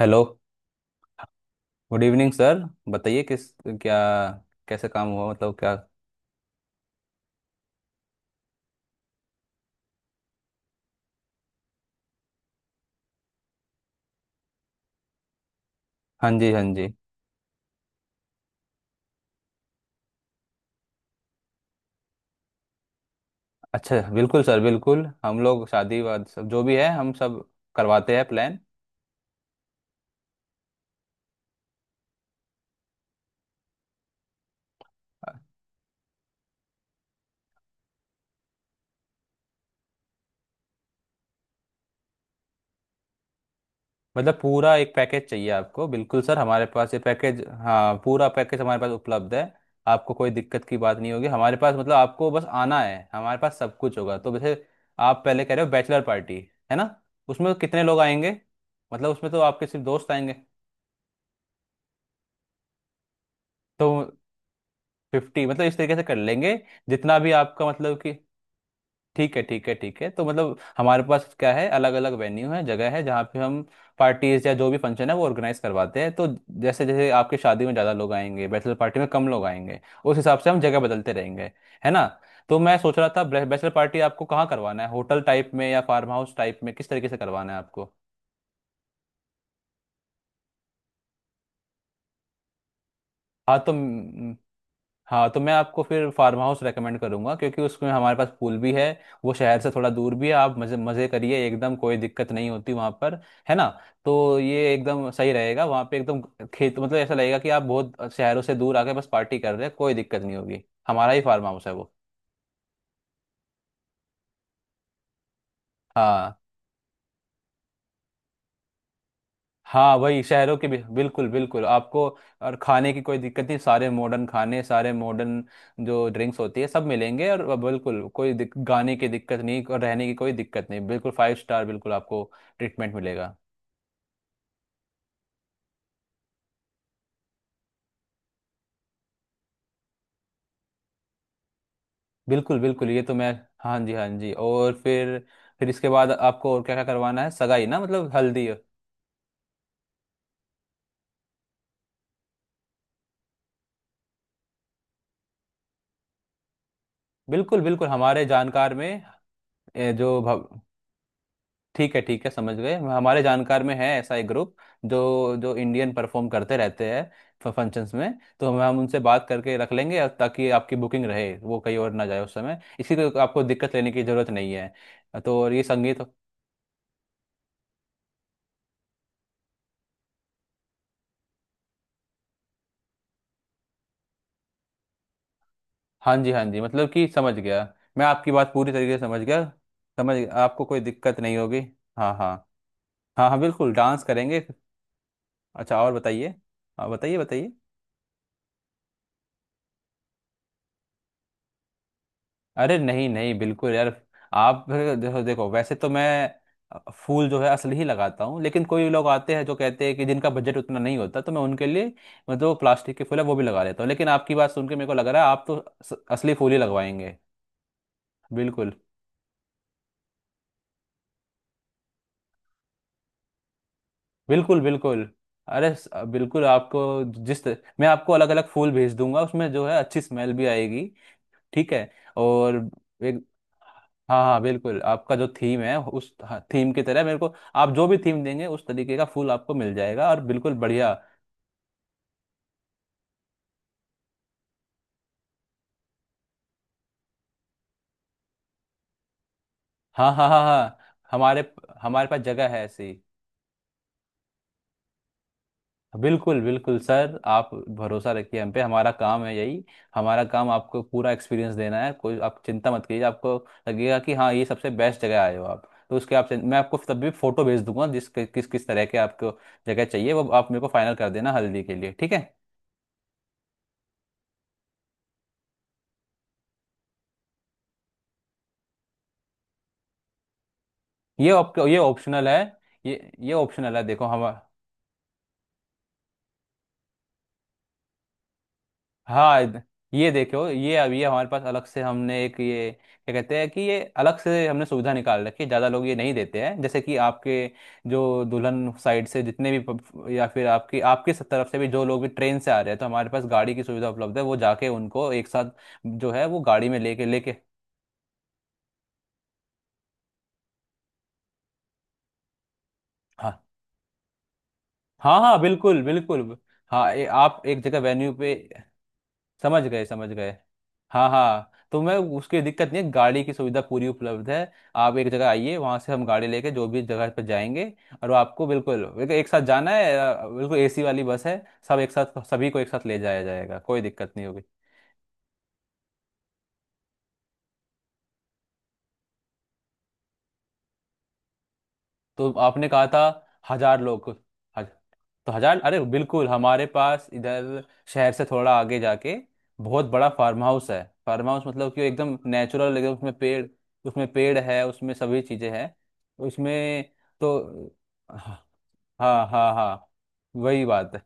Hello. Good evening sir. बताइए किस क्या कैसे काम हुआ मतलब क्या हाँ जी, हाँ जी। अच्छा, बिल्कुल सर, बिल्कुल। हम लोग शादी वाद सब जो भी है हम सब करवाते हैं प्लान। मतलब पूरा एक पैकेज चाहिए आपको। बिल्कुल सर, हमारे पास ये पैकेज, हाँ, पूरा पैकेज हमारे पास उपलब्ध है। आपको कोई दिक्कत की बात नहीं होगी हमारे पास, मतलब आपको बस आना है, हमारे पास सब कुछ होगा। तो वैसे आप पहले कह रहे हो बैचलर पार्टी, है ना? उसमें कितने लोग आएंगे? मतलब उसमें तो आपके सिर्फ दोस्त आएंगे। तो 50, मतलब इस तरीके से कर लेंगे जितना भी आपका, मतलब कि ठीक है, ठीक है, ठीक है। तो मतलब हमारे पास क्या है, अलग अलग वेन्यू है, जगह है जहाँ पे हम पार्टीज या जो भी फंक्शन है वो ऑर्गेनाइज करवाते हैं। तो जैसे जैसे आपकी शादी में ज़्यादा लोग आएंगे, बैचलर पार्टी में कम लोग आएंगे, उस हिसाब से हम जगह बदलते रहेंगे, है ना? तो मैं सोच रहा था बैचलर पार्टी आपको कहाँ करवाना है, होटल टाइप में या फार्म हाउस टाइप में, किस तरीके से करवाना है आपको? हाँ तो, हाँ तो मैं आपको फिर फार्म हाउस रेकमेंड करूंगा क्योंकि उसमें हमारे पास पूल भी है। वो शहर से थोड़ा दूर भी है, आप मज़े मज़े करिए, एकदम कोई दिक्कत नहीं होती वहाँ पर, है ना? तो ये एकदम सही रहेगा वहाँ पे, एकदम खेत, मतलब ऐसा लगेगा कि आप बहुत शहरों से दूर आके बस पार्टी कर रहे हैं। कोई दिक्कत नहीं होगी, हमारा ही फार्म हाउस है वो। हाँ, हाँ, वही शहरों के भी। बिल्कुल बिल्कुल आपको। और खाने की कोई दिक्कत नहीं, सारे मॉडर्न खाने, सारे मॉडर्न जो ड्रिंक्स होती है सब मिलेंगे। और बिल्कुल कोई गाने की दिक्कत नहीं, और रहने की कोई दिक्कत नहीं, बिल्कुल फाइव स्टार, बिल्कुल आपको ट्रीटमेंट मिलेगा। बिल्कुल बिल्कुल, ये तो मैं। हाँ जी, हाँ जी, और फिर इसके बाद आपको और क्या क्या करवाना है, सगाई ना मतलब हल्दी? बिल्कुल बिल्कुल हमारे जानकार में। ए, जो भव- ठीक है, ठीक है, समझ गए। हमारे जानकार में है ऐसा एक ग्रुप जो जो इंडियन परफॉर्म करते रहते हैं फंक्शंस में। तो हम उनसे बात करके रख लेंगे, और ताकि आपकी बुकिंग रहे, वो कहीं और ना जाए उस समय, इसी को आपको दिक्कत लेने की ज़रूरत नहीं है। तो और ये संगीत। हाँ जी, हाँ जी, मतलब कि समझ गया। मैं आपकी बात पूरी तरीके से समझ गया, समझ गया, आपको कोई दिक्कत नहीं होगी। हाँ हाँ, हाँ हाँ, बिल्कुल डांस करेंगे। अच्छा, और बताइए। हाँ, बताइए बताइए। अरे नहीं नहीं, बिल्कुल यार। आप फिर देखो देखो, वैसे तो मैं फूल जो है असली ही लगाता हूँ, लेकिन कोई लोग आते हैं जो कहते हैं कि जिनका बजट उतना नहीं होता, तो मैं उनके लिए मतलब जो प्लास्टिक के फूल है वो भी लगा लेता हूँ। लेकिन आपकी बात सुन के मेरे को लग रहा है आप तो असली फूल ही लगवाएंगे। बिल्कुल बिल्कुल बिल्कुल। बिल्कुल आपको, जिस, मैं आपको अलग अलग फूल भेज दूंगा, उसमें जो है अच्छी स्मेल भी आएगी। ठीक है। और एक, हाँ हाँ बिल्कुल, आपका जो थीम है उस थीम की तरह, मेरे को आप जो भी थीम देंगे उस तरीके का फूल आपको मिल जाएगा, और बिल्कुल बढ़िया। हाँ हाँ हाँ हाँ। हमारे, हमारे पास जगह है ऐसी। बिल्कुल बिल्कुल सर, आप भरोसा रखिए हम पे, हमारा काम है यही। हमारा काम आपको पूरा एक्सपीरियंस देना है, कोई आप चिंता मत कीजिए। आपको लगेगा कि हाँ, ये सबसे बेस्ट जगह आए हो आप। तो उसके आप, मैं आपको तब भी फोटो भेज दूंगा जिस किस किस तरह के आपको जगह चाहिए, वो आप मेरे को फाइनल कर देना हल्दी के लिए, ठीक है? ये ऑप्शनल है। ये ऑप्शनल है, देखो हम। हाँ, ये देखो ये अभी हमारे पास अलग से हमने एक ये, क्या कहते हैं, कि ये अलग से हमने सुविधा निकाल रखी है, ज़्यादा लोग ये नहीं देते हैं। जैसे कि आपके जो दुल्हन साइड से जितने भी या फिर आपकी आपकी तरफ से भी जो लोग भी ट्रेन से आ रहे हैं, तो हमारे पास गाड़ी की सुविधा उपलब्ध है। वो जाके उनको एक साथ जो है वो गाड़ी में लेके लेके, हाँ हाँ हाँ बिल्कुल बिल्कुल। हाँ ये आप एक जगह वेन्यू पे। समझ गए समझ गए। हाँ हाँ, तो मैं उसकी दिक्कत नहीं है, गाड़ी की सुविधा पूरी उपलब्ध है। आप एक जगह आइए, वहां से हम गाड़ी लेके जो भी जगह पर जाएंगे। और वो आपको बिल्कुल बिल्कुल एक साथ जाना है, बिल्कुल एसी वाली बस है, सब एक साथ, सभी को एक साथ ले जाया जाएगा, कोई दिक्कत नहीं होगी। तो आपने कहा था 1000 लोग। तो 1000, अरे बिल्कुल, हमारे पास इधर शहर से थोड़ा आगे जाके बहुत बड़ा फार्म हाउस है। फार्म हाउस, मतलब कि एकदम नेचुरल, एकदम, उसमें पेड़, उसमें पेड़ है, उसमें सभी चीज़ें हैं उसमें। तो हाँ हाँ हाँ, हाँ, वही बात है।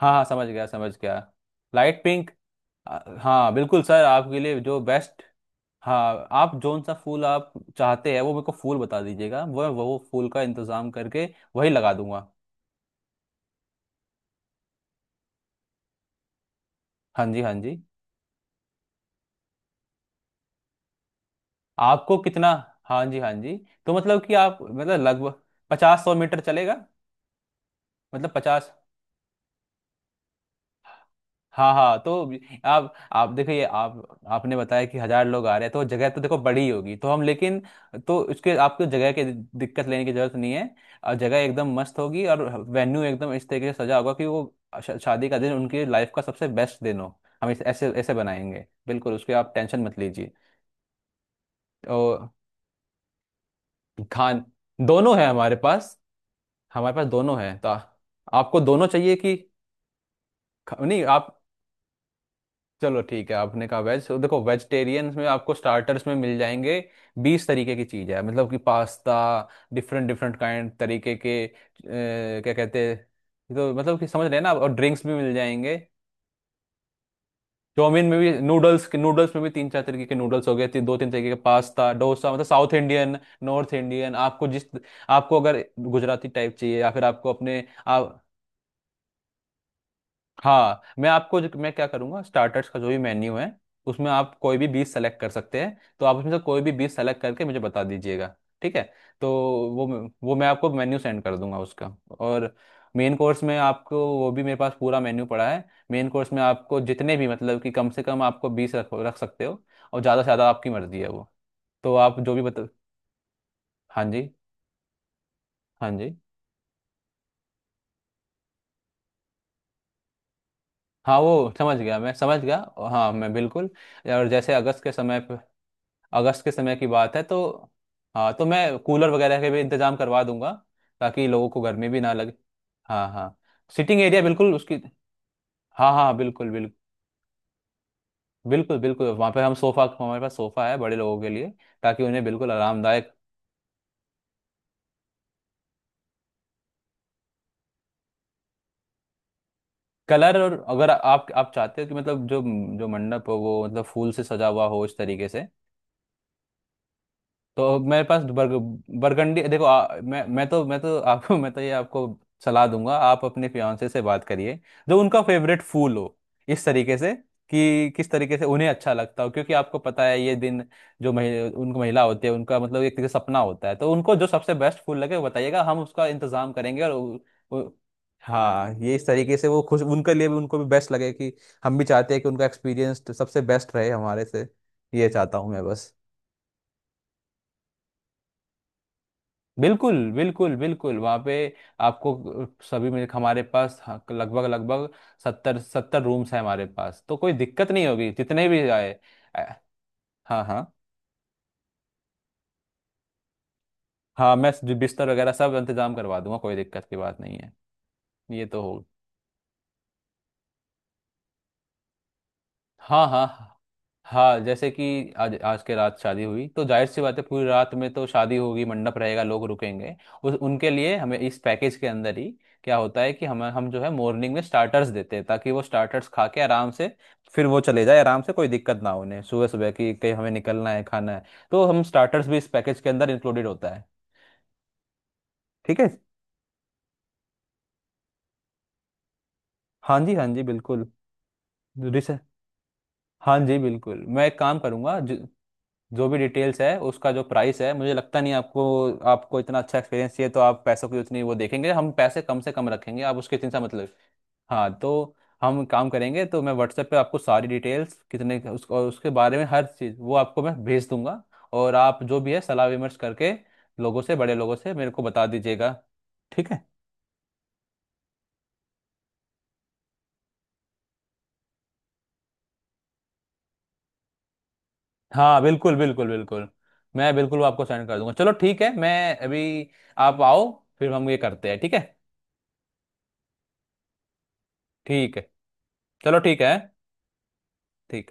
हाँ हाँ समझ गया, समझ गया। Light pink. हाँ बिल्कुल सर, आपके लिए जो बेस्ट। हाँ, आप जोन सा फूल आप चाहते हैं वो मेरे को फूल बता दीजिएगा, वो फूल का इंतज़ाम करके वही लगा दूंगा। हाँ जी, हाँ जी। आपको कितना? हाँ जी, हाँ जी, तो मतलब कि आप मतलब लगभग 50-100 मीटर चलेगा? मतलब 50? हाँ हाँ तो आप देखिए, आप आपने बताया कि 1000 लोग आ रहे हैं, तो जगह तो देखो बड़ी होगी तो हम, लेकिन तो उसके आपको जगह की दिक्कत लेने की जरूरत नहीं है, और जगह एकदम मस्त होगी। और वेन्यू एकदम इस तरीके से सजा होगा कि वो शादी का दिन उनकी लाइफ का सबसे बेस्ट दिन हो, हम इस ऐसे ऐसे बनाएंगे, बिल्कुल उसके आप टेंशन मत लीजिए। और खान, दोनों है हमारे पास। हमारे पास दोनों है, तो आपको दोनों चाहिए कि? नहीं आप, चलो ठीक है, आपने कहा वेज। तो देखो वेजिटेरियंस में आपको स्टार्टर्स में मिल जाएंगे 20 तरीके की चीज़ है, मतलब कि पास्ता, डिफरेंट डिफरेंट काइंड तरीके के, क्या कहते हैं। तो मतलब कि समझ रहे हैं ना आप? और ड्रिंक्स भी मिल जाएंगे। चाउमीन में भी नूडल्स के, नूडल्स में भी 3-4 तरीके के नूडल्स हो गए, 2-3 तरीके के पास्ता, डोसा मतलब साउथ इंडियन, नॉर्थ इंडियन, आपको जिस। आपको अगर गुजराती टाइप चाहिए या फिर आपको अपने आप। हाँ, मैं आपको जो, मैं क्या करूँगा, स्टार्टर्स का जो भी मेन्यू है उसमें आप कोई भी 20 सेलेक्ट कर सकते हैं, तो आप उसमें से कोई भी 20 सेलेक्ट करके मुझे बता दीजिएगा, ठीक है? तो वो मैं आपको मेन्यू सेंड कर दूंगा उसका। और मेन कोर्स में आपको, वो भी मेरे पास पूरा मेन्यू पड़ा है, मेन कोर्स में आपको जितने भी मतलब कि कम से कम आपको 20 रख रख सकते हो, और ज़्यादा से ज़्यादा आपकी मर्ज़ी है वो। तो आप जो भी बता। हाँ जी, हाँ जी। हाँ वो समझ गया, मैं समझ गया। हाँ मैं बिल्कुल। और जैसे अगस्त के समय, अगस्त के समय की बात है तो, हाँ तो मैं कूलर वगैरह के भी इंतजाम करवा दूंगा ताकि लोगों को गर्मी भी ना लगे। हाँ हाँ। सिटिंग एरिया बिल्कुल उसकी। हाँ हाँ बिल्कुल बिल्कुल। बिल्कुल बिल्कुल वहाँ पे हम सोफा, हमारे पास सोफा है बड़े लोगों के लिए, ताकि उन्हें बिल्कुल आरामदायक। कलर, और अगर आप चाहते हो कि मतलब जो, जो मंडप हो वो मतलब फूल से सजा हुआ हो इस तरीके से, तो मेरे पास बर्ग बरगंडी देखो। मैं तो आपको मैं तो ये आपको सलाह दूंगा आप अपने फियांसे से बात करिए जो उनका फेवरेट फूल हो, इस तरीके से कि किस तरीके से उन्हें अच्छा लगता हो, क्योंकि आपको पता है ये दिन जो उनको महिला होती है, उनका मतलब एक तरीके से सपना होता है, तो उनको जो सबसे बेस्ट फूल लगे वो बताइएगा, हम उसका इंतजाम करेंगे। और उ, हाँ ये इस तरीके से वो खुश, उनके लिए भी, उनको भी बेस्ट लगे। कि हम भी चाहते हैं कि उनका एक्सपीरियंस सबसे बेस्ट रहे हमारे से, ये चाहता हूँ मैं बस। बिल्कुल बिल्कुल बिल्कुल वहाँ पे आपको। सभी में हमारे पास, हाँ, लगभग लगभग 70 रूम्स हैं हमारे पास, तो कोई दिक्कत नहीं होगी जितने भी आए। अ, हाँ हाँ। हाँ मैं बिस्तर वगैरह सब इंतजाम करवा दूंगा, कोई दिक्कत की बात नहीं है। ये तो होगा। हाँ हाँ हाँ, हाँ, जैसे कि आज आज के रात शादी हुई तो जाहिर सी बात है पूरी रात में तो शादी होगी, मंडप रहेगा, लोग रुकेंगे। उस उनके लिए हमें इस पैकेज के अंदर ही, क्या होता है कि हम जो है मॉर्निंग में स्टार्टर्स देते हैं, ताकि वो स्टार्टर्स खा के आराम से फिर वो चले जाए, आराम से, कोई दिक्कत ना हो उन्हें, सुबह सुबह की कहीं हमें निकलना है, खाना है, तो हम स्टार्टर्स भी इस पैकेज के अंदर इंक्लूडेड होता है। ठीक है। हाँ जी हाँ जी बिल्कुल। हाँ जी बिल्कुल, मैं एक काम करूंगा। जो जो भी डिटेल्स है उसका जो प्राइस है, मुझे लगता नहीं आपको, आपको इतना अच्छा एक्सपीरियंस चाहिए तो आप पैसों की उतनी वो देखेंगे, हम पैसे कम से कम रखेंगे, आप उसके चिंता मतलब। हाँ तो हम काम करेंगे तो मैं व्हाट्सएप पे आपको सारी डिटेल्स और उसके बारे में हर चीज़ वो आपको मैं भेज दूंगा। और आप जो भी है सलाह विमर्श करके लोगों से, बड़े लोगों से मेरे को बता दीजिएगा। ठीक है। हाँ बिल्कुल बिल्कुल बिल्कुल, मैं बिल्कुल वो आपको सेंड कर दूंगा। चलो ठीक है, मैं अभी, आप आओ फिर हम ये करते हैं, ठीक है। ठीक है, चलो ठीक है। ठीक।